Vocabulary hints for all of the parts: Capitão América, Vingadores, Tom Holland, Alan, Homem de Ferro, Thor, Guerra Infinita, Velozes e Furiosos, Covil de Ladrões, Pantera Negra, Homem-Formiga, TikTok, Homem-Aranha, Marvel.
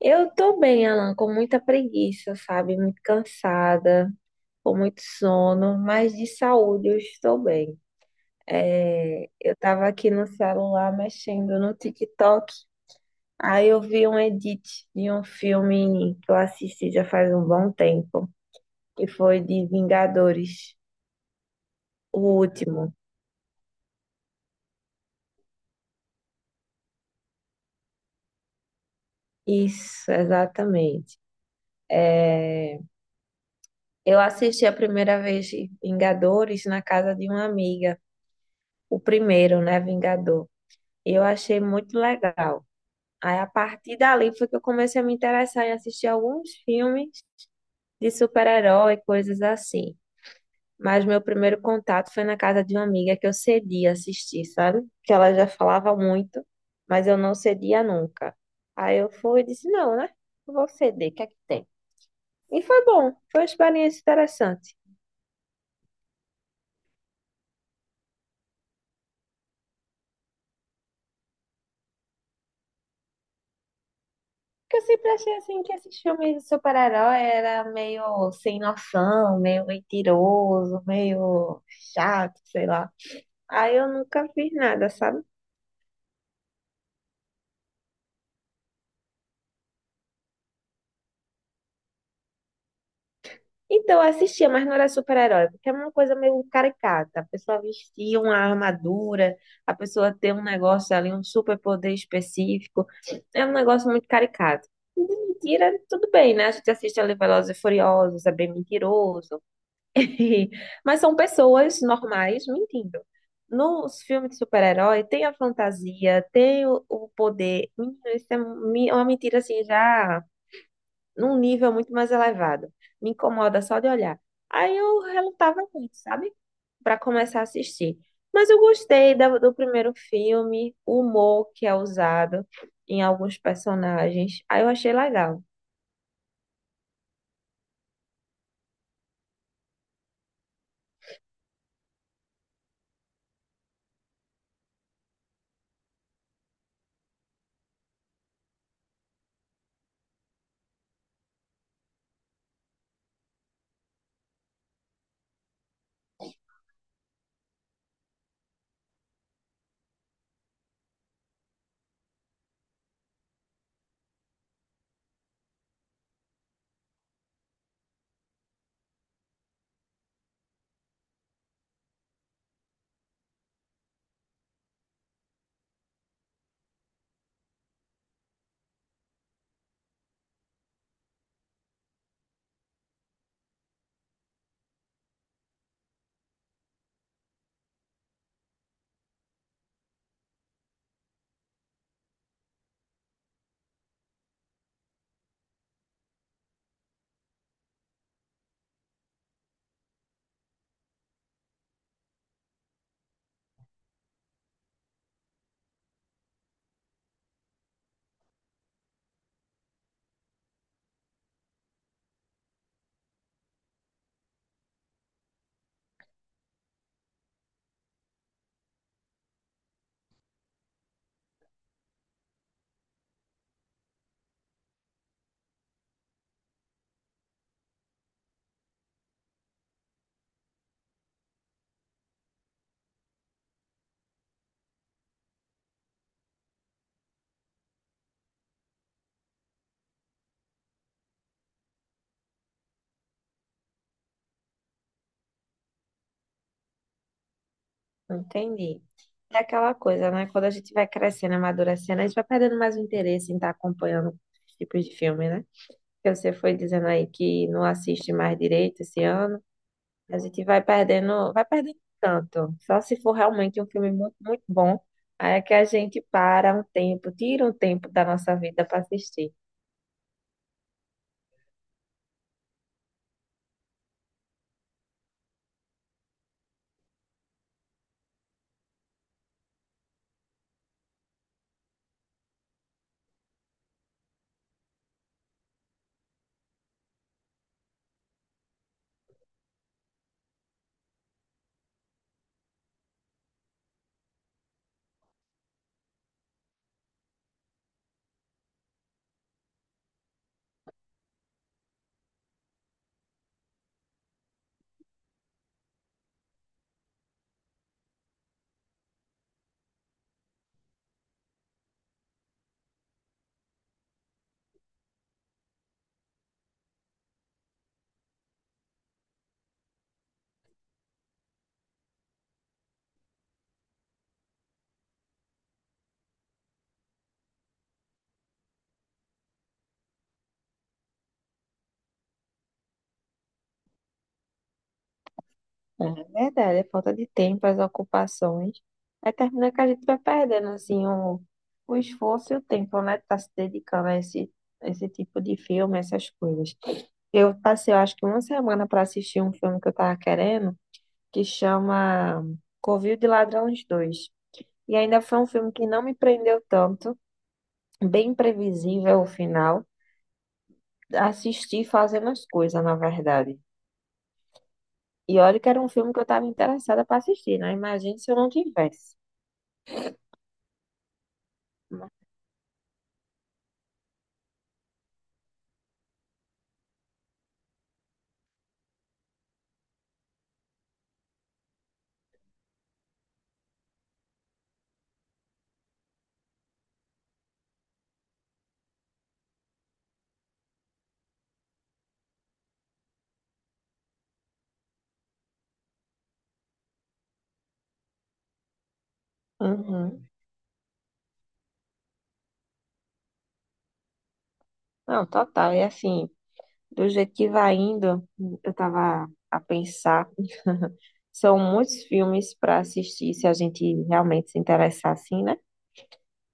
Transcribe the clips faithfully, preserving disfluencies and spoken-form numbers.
Eu tô bem, Alan, com muita preguiça, sabe? Muito cansada, com muito sono, mas de saúde eu estou bem. É, eu tava aqui no celular mexendo no TikTok, aí eu vi um edit de um filme que eu assisti já faz um bom tempo, que foi de Vingadores, o último. Isso, exatamente. É, eu assisti a primeira vez Vingadores na casa de uma amiga, o primeiro, né, Vingador. Eu achei muito legal. Aí a partir dali foi que eu comecei a me interessar em assistir alguns filmes de super-herói, coisas assim. Mas meu primeiro contato foi na casa de uma amiga que eu cedia assistir, sabe? Que ela já falava muito, mas eu não cedia nunca. Aí eu fui e disse, não, né? Não vou ceder, o que é que tem? E foi bom, foi uma experiência interessante. Porque eu sempre achei assim que esses filmes de super-herói era meio sem noção, meio mentiroso, meio chato, sei lá. Aí eu nunca fiz nada, sabe? Então eu assistia, mas não era super-herói, porque é uma coisa meio caricata. A pessoa vestia uma armadura, a pessoa tem um negócio ali, um super-poder específico. É um negócio muito caricato. E de mentira, tudo bem, né? A gente assiste ali Velozes e Furiosos, é bem mentiroso. Mas são pessoas normais mentindo. Nos filmes de super-herói tem a fantasia, tem o, o poder. Menino, isso é um- mi- é uma mentira assim, já num nível muito mais elevado. Me incomoda só de olhar. Aí eu relutava muito, sabe? Para começar a assistir. Mas eu gostei da- do primeiro filme, o humor que é usado em alguns personagens. Aí eu achei legal. Entendi. É aquela coisa, né? Quando a gente vai crescendo, amadurecendo, a gente vai perdendo mais o interesse em estar acompanhando os tipos de filme, né? Porque você foi dizendo aí que não assiste mais direito esse ano. A gente vai perdendo, vai perdendo tanto. Só se for realmente um filme muito, muito bom, aí é que a gente para um tempo, tira um tempo da nossa vida para assistir. É verdade, é falta de tempo, as ocupações. Aí termina que a gente vai perdendo assim o, o esforço e o tempo, né? De tá se dedicando a esse, esse tipo de filme, essas coisas. Eu passei, eu acho que uma semana para assistir um filme que eu tava querendo, que chama Covil de Ladrões dois. E ainda foi um filme que não me prendeu tanto, bem imprevisível o final. Assisti fazendo as coisas, na verdade. E olha que era um filme que eu estava interessada para assistir, né? Imagina se eu não tivesse. Uhum. Não, total. E assim, do jeito que vai indo, eu tava a pensar, são muitos filmes para assistir, se a gente realmente se interessar assim, né?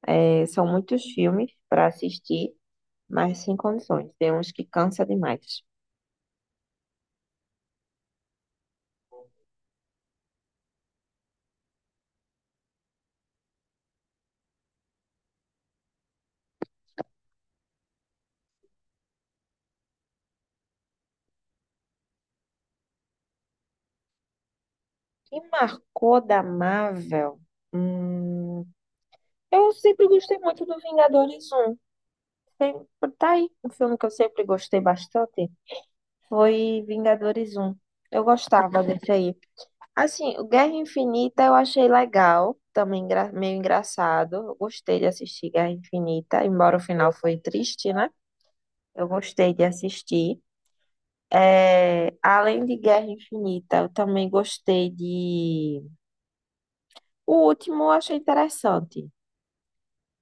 É, são muitos filmes para assistir, mas sem condições. Tem uns que cansa demais. Que marcou da Marvel? Hum, eu sempre gostei muito do Vingadores um. Sempre, tá aí, um filme que eu sempre gostei bastante foi Vingadores um. Eu gostava desse aí. Assim, o Guerra Infinita eu achei legal, também engra- meio engraçado. Eu gostei de assistir Guerra Infinita, embora o final foi triste, né? Eu gostei de assistir. É, além de Guerra Infinita, eu também gostei de. O último eu achei interessante.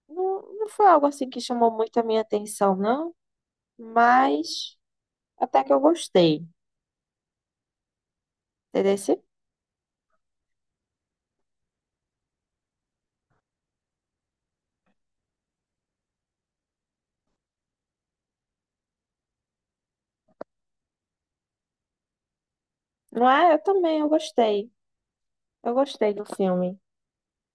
Não, não foi algo assim que chamou muito a minha atenção, não, mas até que eu gostei, entendeu? Não é? Eu também, eu gostei. Eu gostei do filme.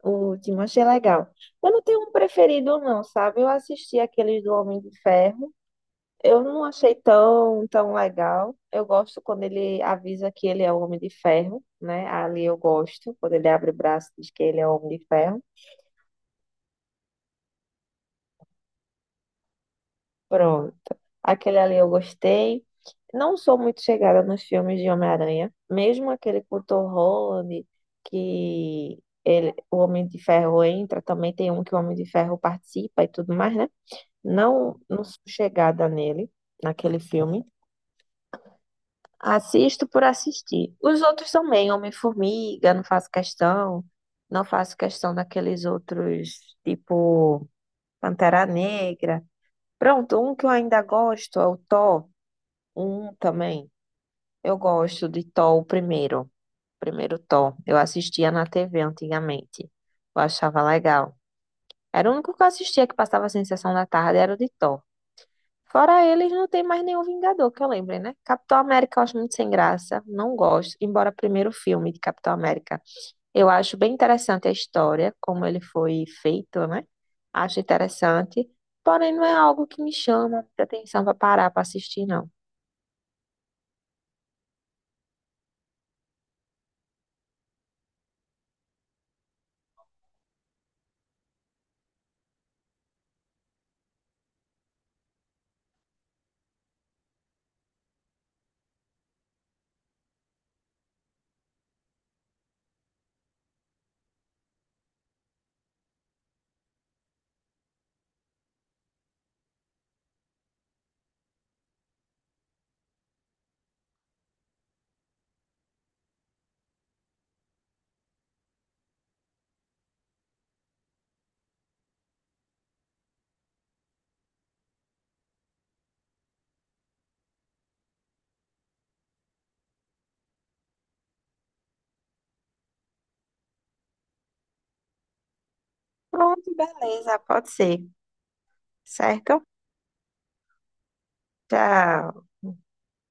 O último, achei legal. Eu não tenho um preferido, não, sabe? Eu assisti aqueles do Homem de Ferro. Eu não achei tão, tão legal. Eu gosto quando ele avisa que ele é o Homem de Ferro, né? Ali eu gosto, quando ele abre o braço e diz que ele é o Homem de Ferro. Pronto. Aquele ali eu gostei. Não sou muito chegada nos filmes de Homem-Aranha. Mesmo aquele com o Tom Holland, que ele, o Homem de Ferro entra, também tem um que o Homem de Ferro participa e tudo mais, né? Não, não sou chegada nele, naquele filme. Assisto por assistir. Os outros também, Homem-Formiga, não faço questão. Não faço questão daqueles outros, tipo Pantera Negra. Pronto, um que eu ainda gosto é o Thor, um também. Eu gosto de Thor, o primeiro. Primeiro Thor. Eu assistia na T V antigamente. Eu achava legal. Era o único que eu assistia que passava a sensação da tarde, era o de Thor. Fora eles, não tem mais nenhum Vingador que eu lembre, né? Capitão América eu acho muito sem graça, não gosto, embora primeiro filme de Capitão América. Eu acho bem interessante a história, como ele foi feito, né? Acho interessante, porém não é algo que me chama muita atenção para parar para assistir, não. Pronto, beleza, pode ser, certo? Tchau.